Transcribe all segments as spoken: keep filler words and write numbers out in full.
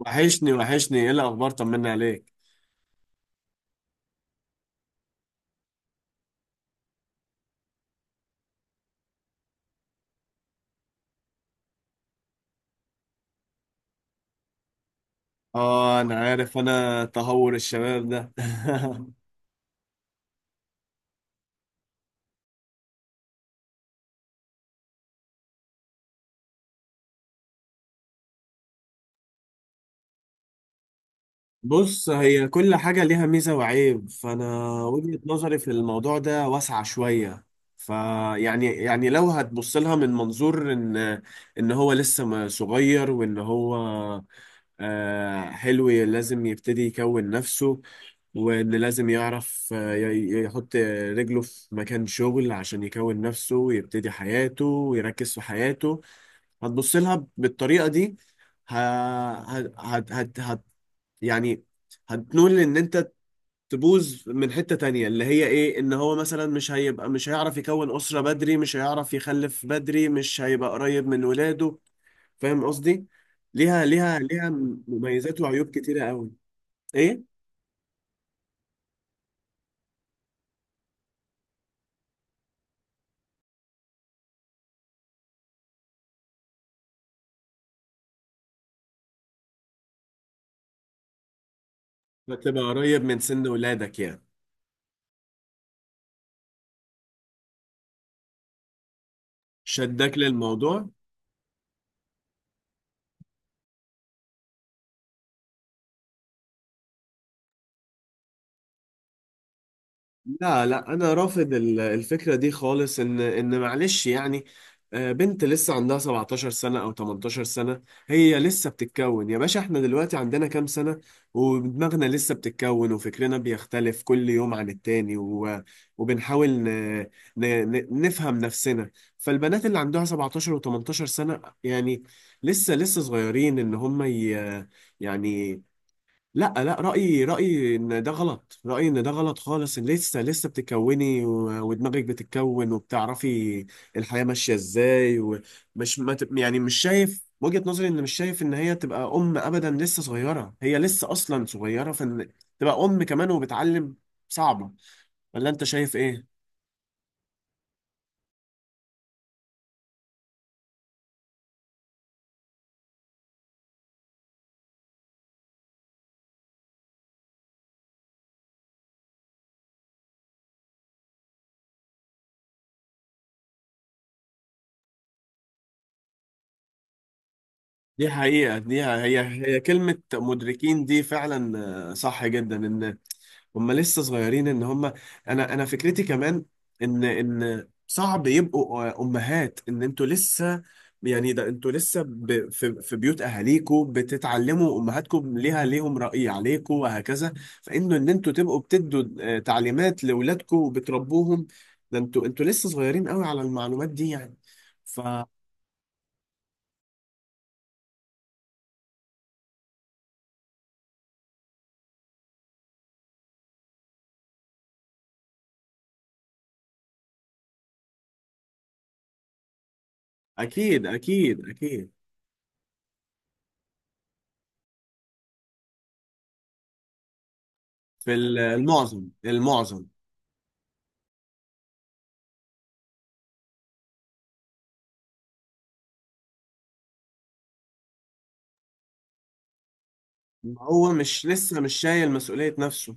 وحشني وحشني، ايه الاخبار؟ طمنا عليك. اه انا عارف انا تهور الشباب ده. بص، هي كل حاجة ليها ميزة وعيب، فانا وجهة نظري في الموضوع ده واسعة شوية. فيعني يعني يعني لو هتبص لها من منظور ان ان هو لسه ما- صغير، وان هو آه، حلو، لازم يبتدي يكون نفسه، واللي لازم يعرف آه، ي- يحط رجله في مكان شغل عشان يكون نفسه ويبتدي حياته ويركز في حياته. هتبص لها بالطريقة دي، ه... هت... هت... هت... هت... يعني هتنول ان انت تبوظ من حتة تانية، اللي هي ايه؟ ان هو مثلا مش هيبقى، مش هيعرف يكون أسرة بدري، مش هيعرف يخلف بدري، مش هيبقى قريب من ولاده. فاهم قصدي؟ ليها ليها ليها مميزات وعيوب كتيرة قوي. ايه، هتبقى قريب من سن ولادك يعني، شدك للموضوع. لا لا، انا رافض ال- الفكره دي خالص، ان ان معلش يعني، آه، بنت لسه عندها 17 سنه او 18 سنه، هي لسه بتتكون يا باشا. احنا دلوقتي عندنا كام سنه؟ ودماغنا لسه بتتكون، وفكرنا بيختلف كل يوم عن التاني، و- وبنحاول ن... ن... ن- نفهم نفسنا. فالبنات اللي عندها سبعتاشر و18 سنه، يعني لسه لسه صغيرين، ان هم ي... يعني. لا لا، رأيي رأيي إن ده غلط، رأيي إن ده غلط خالص، إن لسه لسه بتكوني و- ودماغك بتتكون وبتعرفي الحياة ماشية إزاي. ومش ما تب- يعني مش شايف وجهة نظري، إن مش شايف إن هي تبقى أم أبدا، لسه صغيرة، هي لسه أصلا صغيرة، فإن تبقى أم كمان وبتعلم صعبة. ولا أنت شايف إيه؟ دي حقيقة، دي ه- هي هي كلمة مدركين دي فعلا. آه، صح جدا، هم لسه صغيرين ان هم. انا انا فكرتي كمان ان ان صعب يبقوا آه، امهات، ان انتوا لسه يعني، ده انتوا لسه ب... في في بيوت اهاليكم بتتعلموا، امهاتكم ليها ليهم رأي عليكم وهكذا. فانه ان انتوا تبقوا بتدوا آه، تعليمات لاولادكم وبتربوهم، ده انتوا انتوا لسه صغيرين قوي على المعلومات دي يعني. فاكيد اكيد اكيد، في ال- المعظم المعظم. هو مش لسه مش شايل مسؤولية نفسه.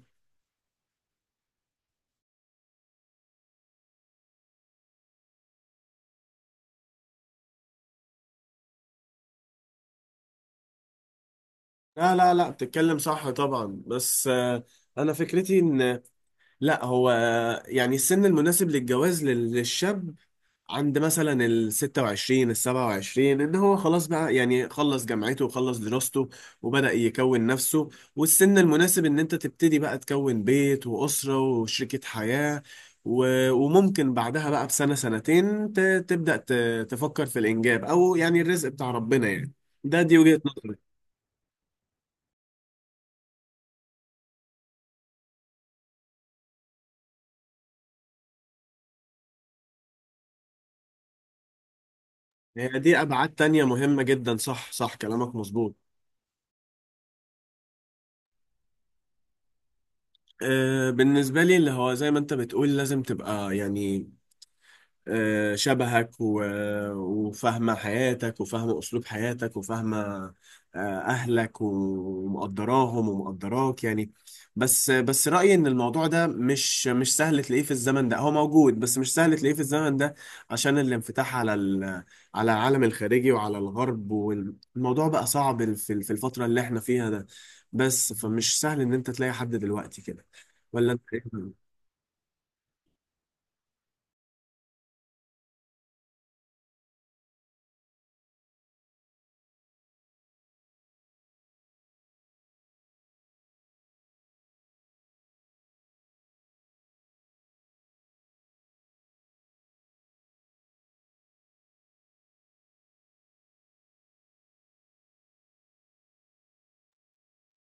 لا لا لا، بتتكلم صح طبعا، بس آه، انا فكرتي ان لا هو آه، يعني السن المناسب للجواز لل- للشاب عند مثلا ال الستة وعشرين ال السبعة وعشرين، ان هو خلاص بقى، يعني خلص جامعته وخلص دراسته وبدأ يكون نفسه. والسن المناسب ان انت تبتدي بقى تكون بيت وأسرة وشريكة حياة، و- وممكن بعدها بقى بسنة سنتين ت- تبدأ ت- تفكر في الإنجاب، أو يعني الرزق بتاع ربنا يعني. ده دي وجهة نظري. هي دي أبعاد تانية مهمة جدا، صح صح، كلامك مظبوط. آه، بالنسبة لي، اللي هو زي ما انت بتقول، لازم تبقى يعني آه، شبهك و- وفاهمة حياتك وفاهمة أسلوب حياتك وفاهمة آه، أهلك ومقدراهم ومقدراك يعني. بس بس رأيي إن الموضوع ده مش مش سهل تلاقيه في الزمن ده، هو موجود بس مش سهل تلاقيه في الزمن ده، عشان الانفتاح على ال- على العالم الخارجي وعلى الغرب، والموضوع بقى صعب في في الفترة اللي احنا فيها ده، بس فمش سهل إن أنت تلاقي حد دلوقتي كده. ولا أنت إيه؟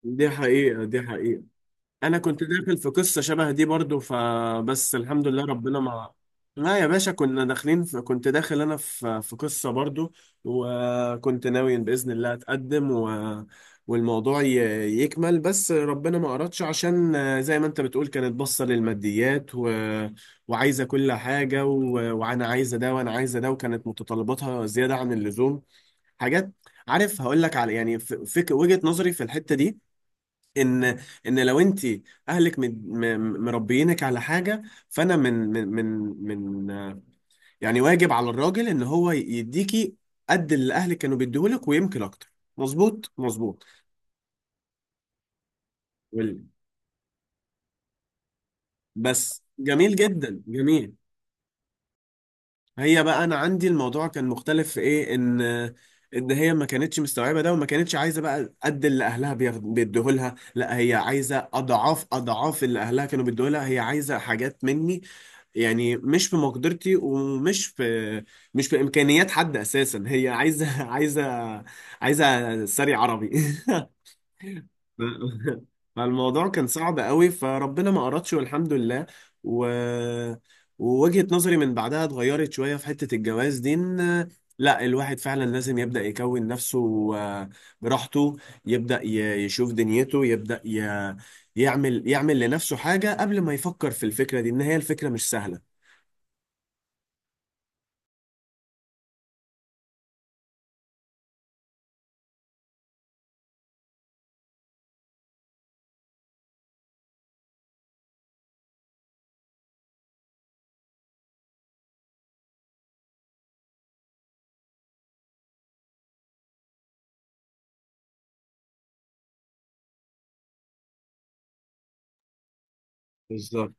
دي حقيقة دي حقيقة. انا كنت داخل في قصه شبه دي برضو، فبس الحمد لله ربنا ما... لا يا باشا، كنا داخلين في... كنت داخل انا في في قصه برضو، وكنت ناوي باذن الله اتقدم و... والموضوع ي... يكمل، بس ربنا ما اردش، عشان زي ما انت بتقول، كانت باصه للماديات و... وعايزه كل حاجه و... وانا عايزه ده وانا عايزه ده، وكانت متطلباتها زياده عن اللزوم، حاجات. عارف هقول لك على يعني ف- فك... وجهه نظري في الحته دي، ان ان لو انت اهلك مد- م- م- مربيينك على حاجه، فانا من من من من آه، يعني واجب على الراجل ان هو يديكي قد اللي اهلك كانوا بيديهولك، ويمكن اكتر. مظبوط مظبوط. وال- بس جميل جدا جميل. هي بقى انا عندي الموضوع كان مختلف في ايه؟ ان ان هي ما كانتش مستوعبه ده، وما كانتش عايزه بقى قد اللي اهلها بيدوه لها، لا هي عايزه اضعاف اضعاف اللي اهلها كانوا بيدوه لها، هي عايزه حاجات مني يعني مش في مقدرتي ومش في مش في امكانيات حد اساسا. هي عايزه عايزه عايزه ساري عربي فالموضوع كان صعب قوي، فربنا ما أردش والحمد لله. و... ووجهة نظري من بعدها اتغيرت شوية في حتة الجواز دي، إن لا الواحد فعلا لازم يبدأ يكون نفسه آه، براحته، يبدأ ي- يشوف دنيته، يبدأ ي... يعمل يعمل لنفسه حاجة قبل ما يفكر في الفكرة دي، إن هي الفكرة مش سهلة. بالظبط.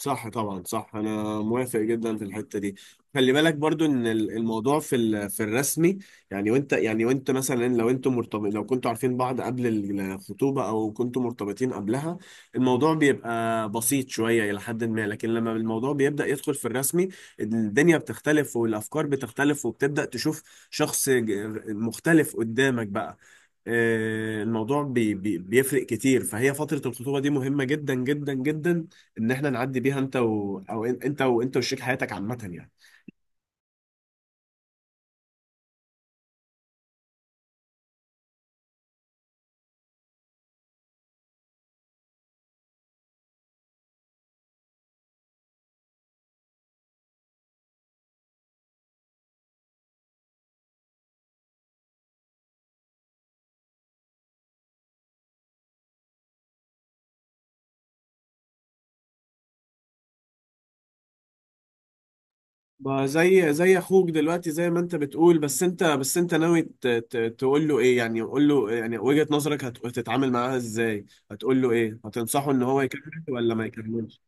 صح طبعا صح، انا موافق جدا في الحته دي. خلي بالك برضو ان ال- الموضوع في ال- في الرسمي، يعني وانت يعني وانت مثلا لو انتوا مرتبط، لو كنتوا عارفين بعض قبل الخطوبه او كنتوا مرتبطين قبلها، الموضوع بيبقى بسيط شويه الى حد ما، لكن لما الموضوع بيبدا يدخل في الرسمي، الدنيا بتختلف والافكار بتختلف وبتبدا تشوف شخص ج- مختلف قدامك بقى. آه، الموضوع بي بي بيفرق كتير، فهي فتره الخطوبه دي مهمه جدا جدا جدا، ان احنا نعدي بيها انت و... او إن- انت وانت وشريك حياتك عامه يعني. ما زي زي اخوك دلوقتي، زي ما انت بتقول، بس انت بس انت ناوي ت... ت... تقول له ايه؟ يعني قول له يعني وجهة نظرك، هت... هتتعامل معاها ازاي؟ هتقول له ايه؟ هتنصحه ان هو يكمل ولا ما يكملش؟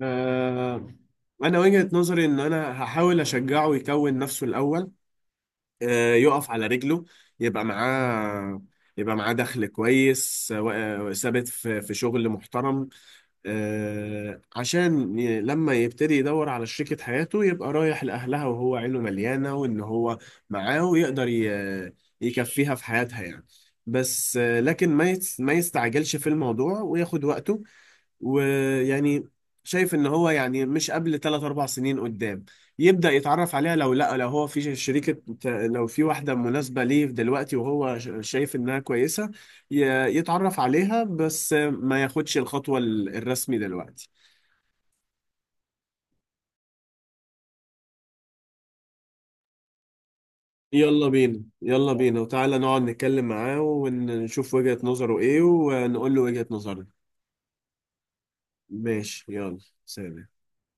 آه... انا وجهة نظري ان انا هحاول اشجعه يكون نفسه الاول، آه... يقف على رجله، يبقى معاه يبقى معاه دخل كويس آه، ثابت في في شغل محترم، آه، عشان ي- لما يبتدي يدور على شريكة حياته يبقى رايح لأهلها وهو عينه مليانة، وإن هو معاه ويقدر ي- يكفيها في حياتها يعني. بس آه، لكن ما يتس- ما يستعجلش في الموضوع وياخد وقته ويعني. شايف ان هو يعني مش قبل ثلاث 4 سنين قدام يبدأ يتعرف عليها، لو لا، لو هو في شريكة، لو في واحدة مناسبة ليه دلوقتي وهو ش- شايف انها كويسة، ي- يتعرف عليها بس ما ياخدش الخطوة ال- الرسمي دلوقتي. يلا بينا يلا بينا، وتعالى نقعد نتكلم معاه ونشوف وجهة نظره ايه، ونقول له وجهة نظرنا. ماشي، يلا، سلام.